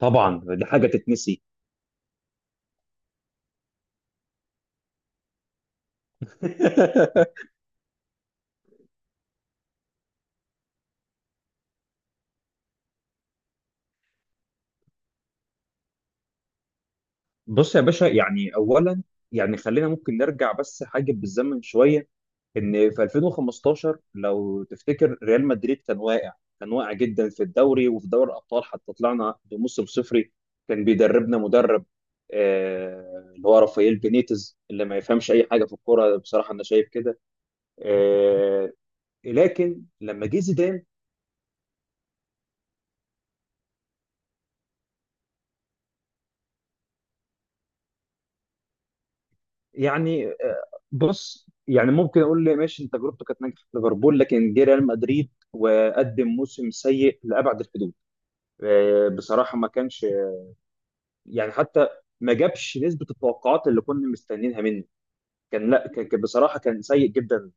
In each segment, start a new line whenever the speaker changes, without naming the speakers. طبعا دي حاجه تتنسي. بص يا باشا، يعني اولا، يعني خلينا ممكن نرجع بس حاجه بالزمن شويه. ان في 2015 لو تفتكر ريال مدريد كان واقع جدا في الدوري وفي دوري الابطال، حتى طلعنا بموسم صفري. كان بيدربنا مدرب اللي هو رافائيل بينيتز، اللي ما يفهمش اي حاجه في الكوره، بصراحه انا شايف كده. آه، لكن لما جه زيدان، يعني بص، يعني ممكن اقول لي ماشي انت تجربته كانت ناجحه في ليفربول، لكن جه ريال مدريد وقدم موسم سيء لابعد الحدود. بصراحه ما كانش، يعني حتى ما جابش نسبه التوقعات اللي كنا مستنيينها منه. كان لا كان كان بصراحه كان سيء جدا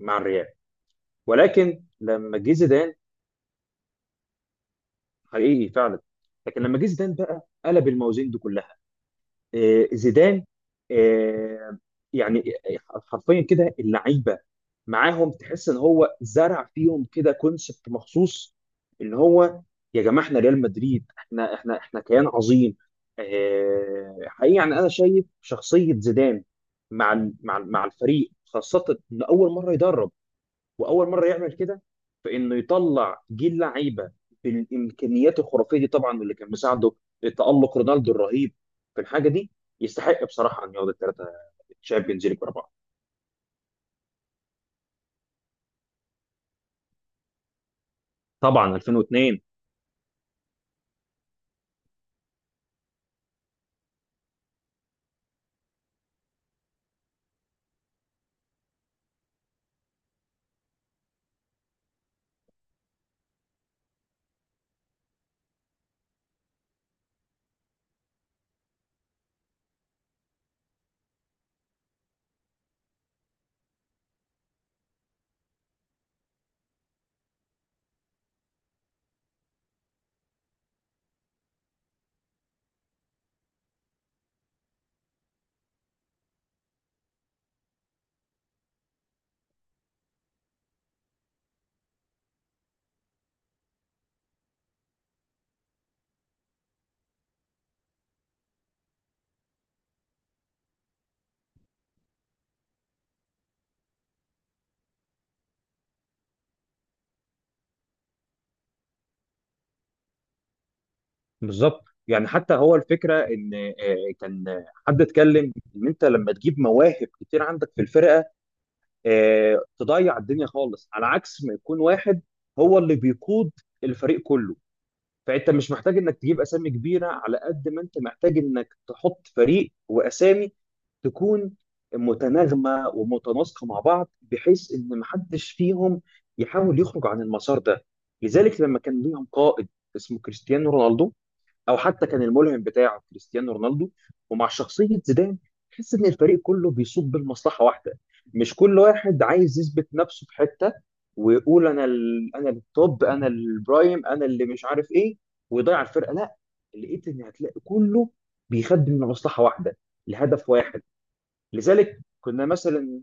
مع الريال. ولكن لما جه زيدان حقيقي فعلا، لكن لما جه زيدان بقى قلب الموازين دي كلها. زيدان، آه، يعني حرفيا كده اللعيبه معاهم، تحس ان هو زرع فيهم كده كونسبت مخصوص، اللي هو يا جماعه احنا ريال مدريد، احنا كيان عظيم. حقيقي يعني انا شايف شخصيه زيدان مع الفريق خاصه ان اول مره يدرب واول مره يعمل كده، فانه يطلع جيل لعيبه بالامكانيات الخرافيه دي طبعا. واللي كان مساعده تالق رونالدو الرهيب في الحاجه دي، يستحق بصراحه ان ياخد الثلاثه تشامبيونز ليج ورا بعض. طبعا 2002. بالظبط، يعني حتى هو الفكره ان كان حد اتكلم ان انت لما تجيب مواهب كتير عندك في الفرقه، تضيع الدنيا خالص، على عكس ما يكون واحد هو اللي بيقود الفريق كله. فانت مش محتاج انك تجيب اسامي كبيره على قد ما انت محتاج انك تحط فريق واسامي تكون متناغمه ومتناسقه مع بعض، بحيث ان محدش فيهم يحاول يخرج عن المسار ده. لذلك لما كان ليهم قائد اسمه كريستيانو رونالدو، او حتى كان الملهم بتاعه كريستيانو رونالدو، ومع شخصيه زيدان، تحس ان الفريق كله بيصب بالمصلحه واحده، مش كل واحد عايز يثبت نفسه في حته ويقول انا التوب انا البرايم انا اللي مش عارف ايه ويضيع الفرقه. لا، لقيت ان هتلاقي كله بيخدم لمصلحه واحده، لهدف واحد. لذلك كنا مثلا.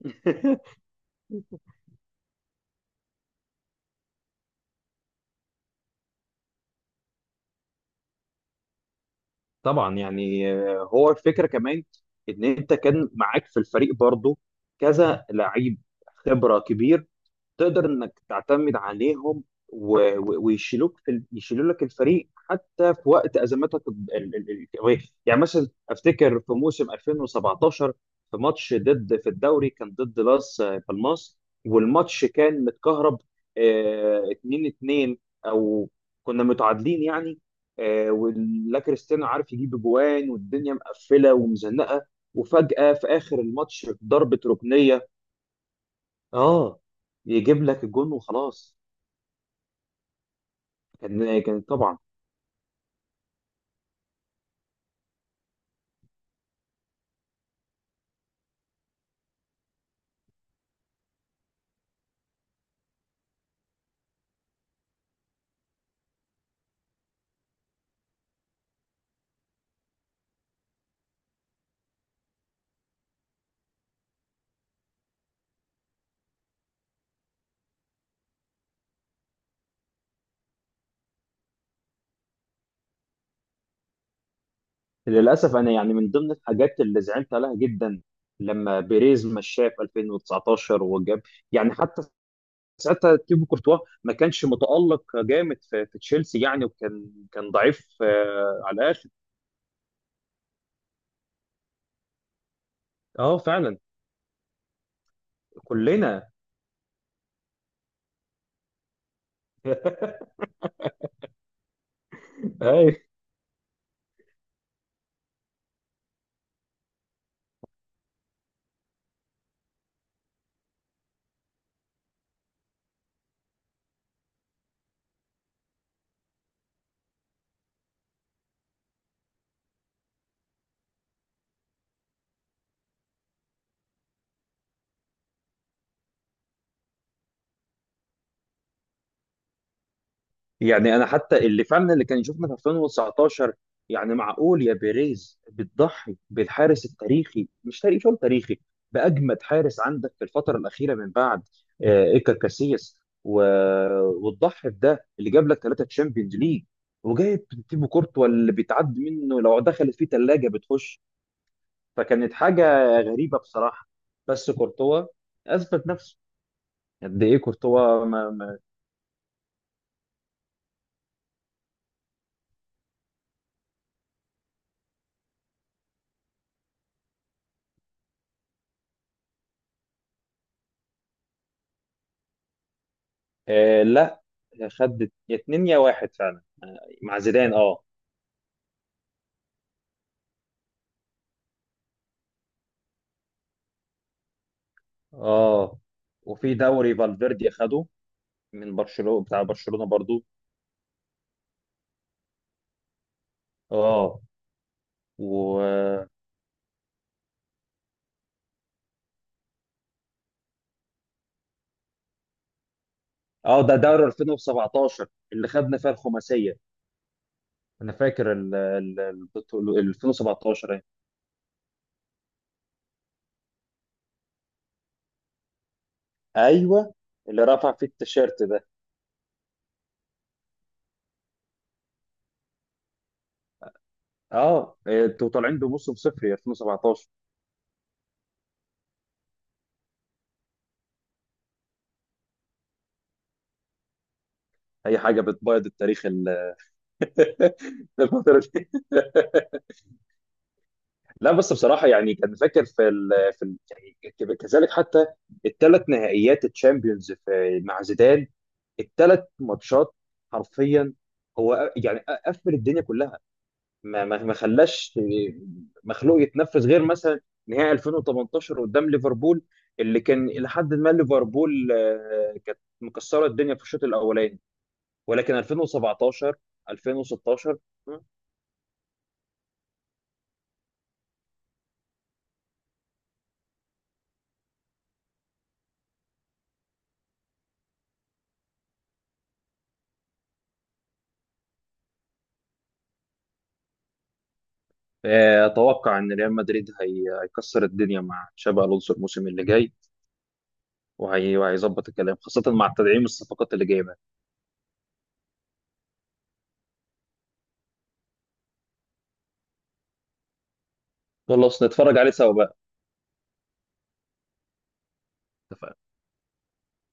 طبعا، يعني هو الفكره كمان ان انت كان معاك في الفريق برضو كذا لعيب خبره كبير، تقدر انك تعتمد عليهم و- و- ويشيلوك في ال- يشيلوا لك الفريق حتى في وقت ازماتك الكرويه، يعني يعني مثلا افتكر في موسم 2017، في ماتش ضد، في الدوري كان ضد لاس بالماس، والماتش كان متكهرب 2-2، او كنا متعادلين يعني. ولا كريستيانو عارف يجيب جوان، والدنيا مقفله ومزنقه، وفجاه في اخر الماتش في ضربه ركنيه. اه يجيب لك الجون وخلاص. كان طبعا. للاسف انا يعني من ضمن الحاجات اللي زعلت عليها جدا لما بيريز مشاه في 2019 وجاب، يعني حتى ساعتها تيبو كورتوا ما كانش متالق جامد في تشيلسي يعني، وكان ضعيف على الاخر. اه فعلا، كلنا. يعني انا حتى اللي فعلا اللي كان يشوفنا في 2019، يعني معقول يا بيريز بتضحي بالحارس التاريخي، مش تاريخي شو تاريخي، باجمد حارس عندك في الفتره الاخيره من بعد ايكر كاسياس، و... وتضحي بده اللي جاب لك ثلاثه تشامبيونز ليج، وجايب تيبو كورتوا اللي بيتعد منه لو دخلت فيه ثلاجه بتخش. فكانت حاجه غريبه بصراحه. بس كورتوا اثبت نفسه، قد ايه كورتوا ما... ما... آه لا، خد اتنين يا واحد فعلا مع زيدان. اه. اه وفي دوري فالفيردي خده من برشلونة، بتاع برشلونة برضو. اه. و اه ده دوري 2017 اللي خدنا فيها الخماسية. انا فاكر 2017 يعني. ايوه اللي رفع فيه التيشيرت ده. اه انتوا طالعين بموسم صفري 2017، اي حاجة بتبيض التاريخ ال- الفترة دي. لا بس بصراحة، يعني كان فاكر في ال في ال يعني كذلك حتى الثلاث نهائيات الشامبيونز في مع زيدان، الثلاث ماتشات، حرفيا هو قفل الدنيا كلها، ما خلاش مخلوق يتنفس، غير مثلا نهائي 2018 قدام ليفربول، اللي كان إلى حد ما ليفربول كانت مكسرة الدنيا في الشوط الأولاني، ولكن 2017 2016. اتوقع ان ريال مدريد هيكسر الدنيا مع تشابي الونسو الموسم اللي جاي، وهيظبط الكلام، خاصه مع تدعيم الصفقات اللي جايبها. خلاص نتفرج عليه سوا بقى. اتفقنا.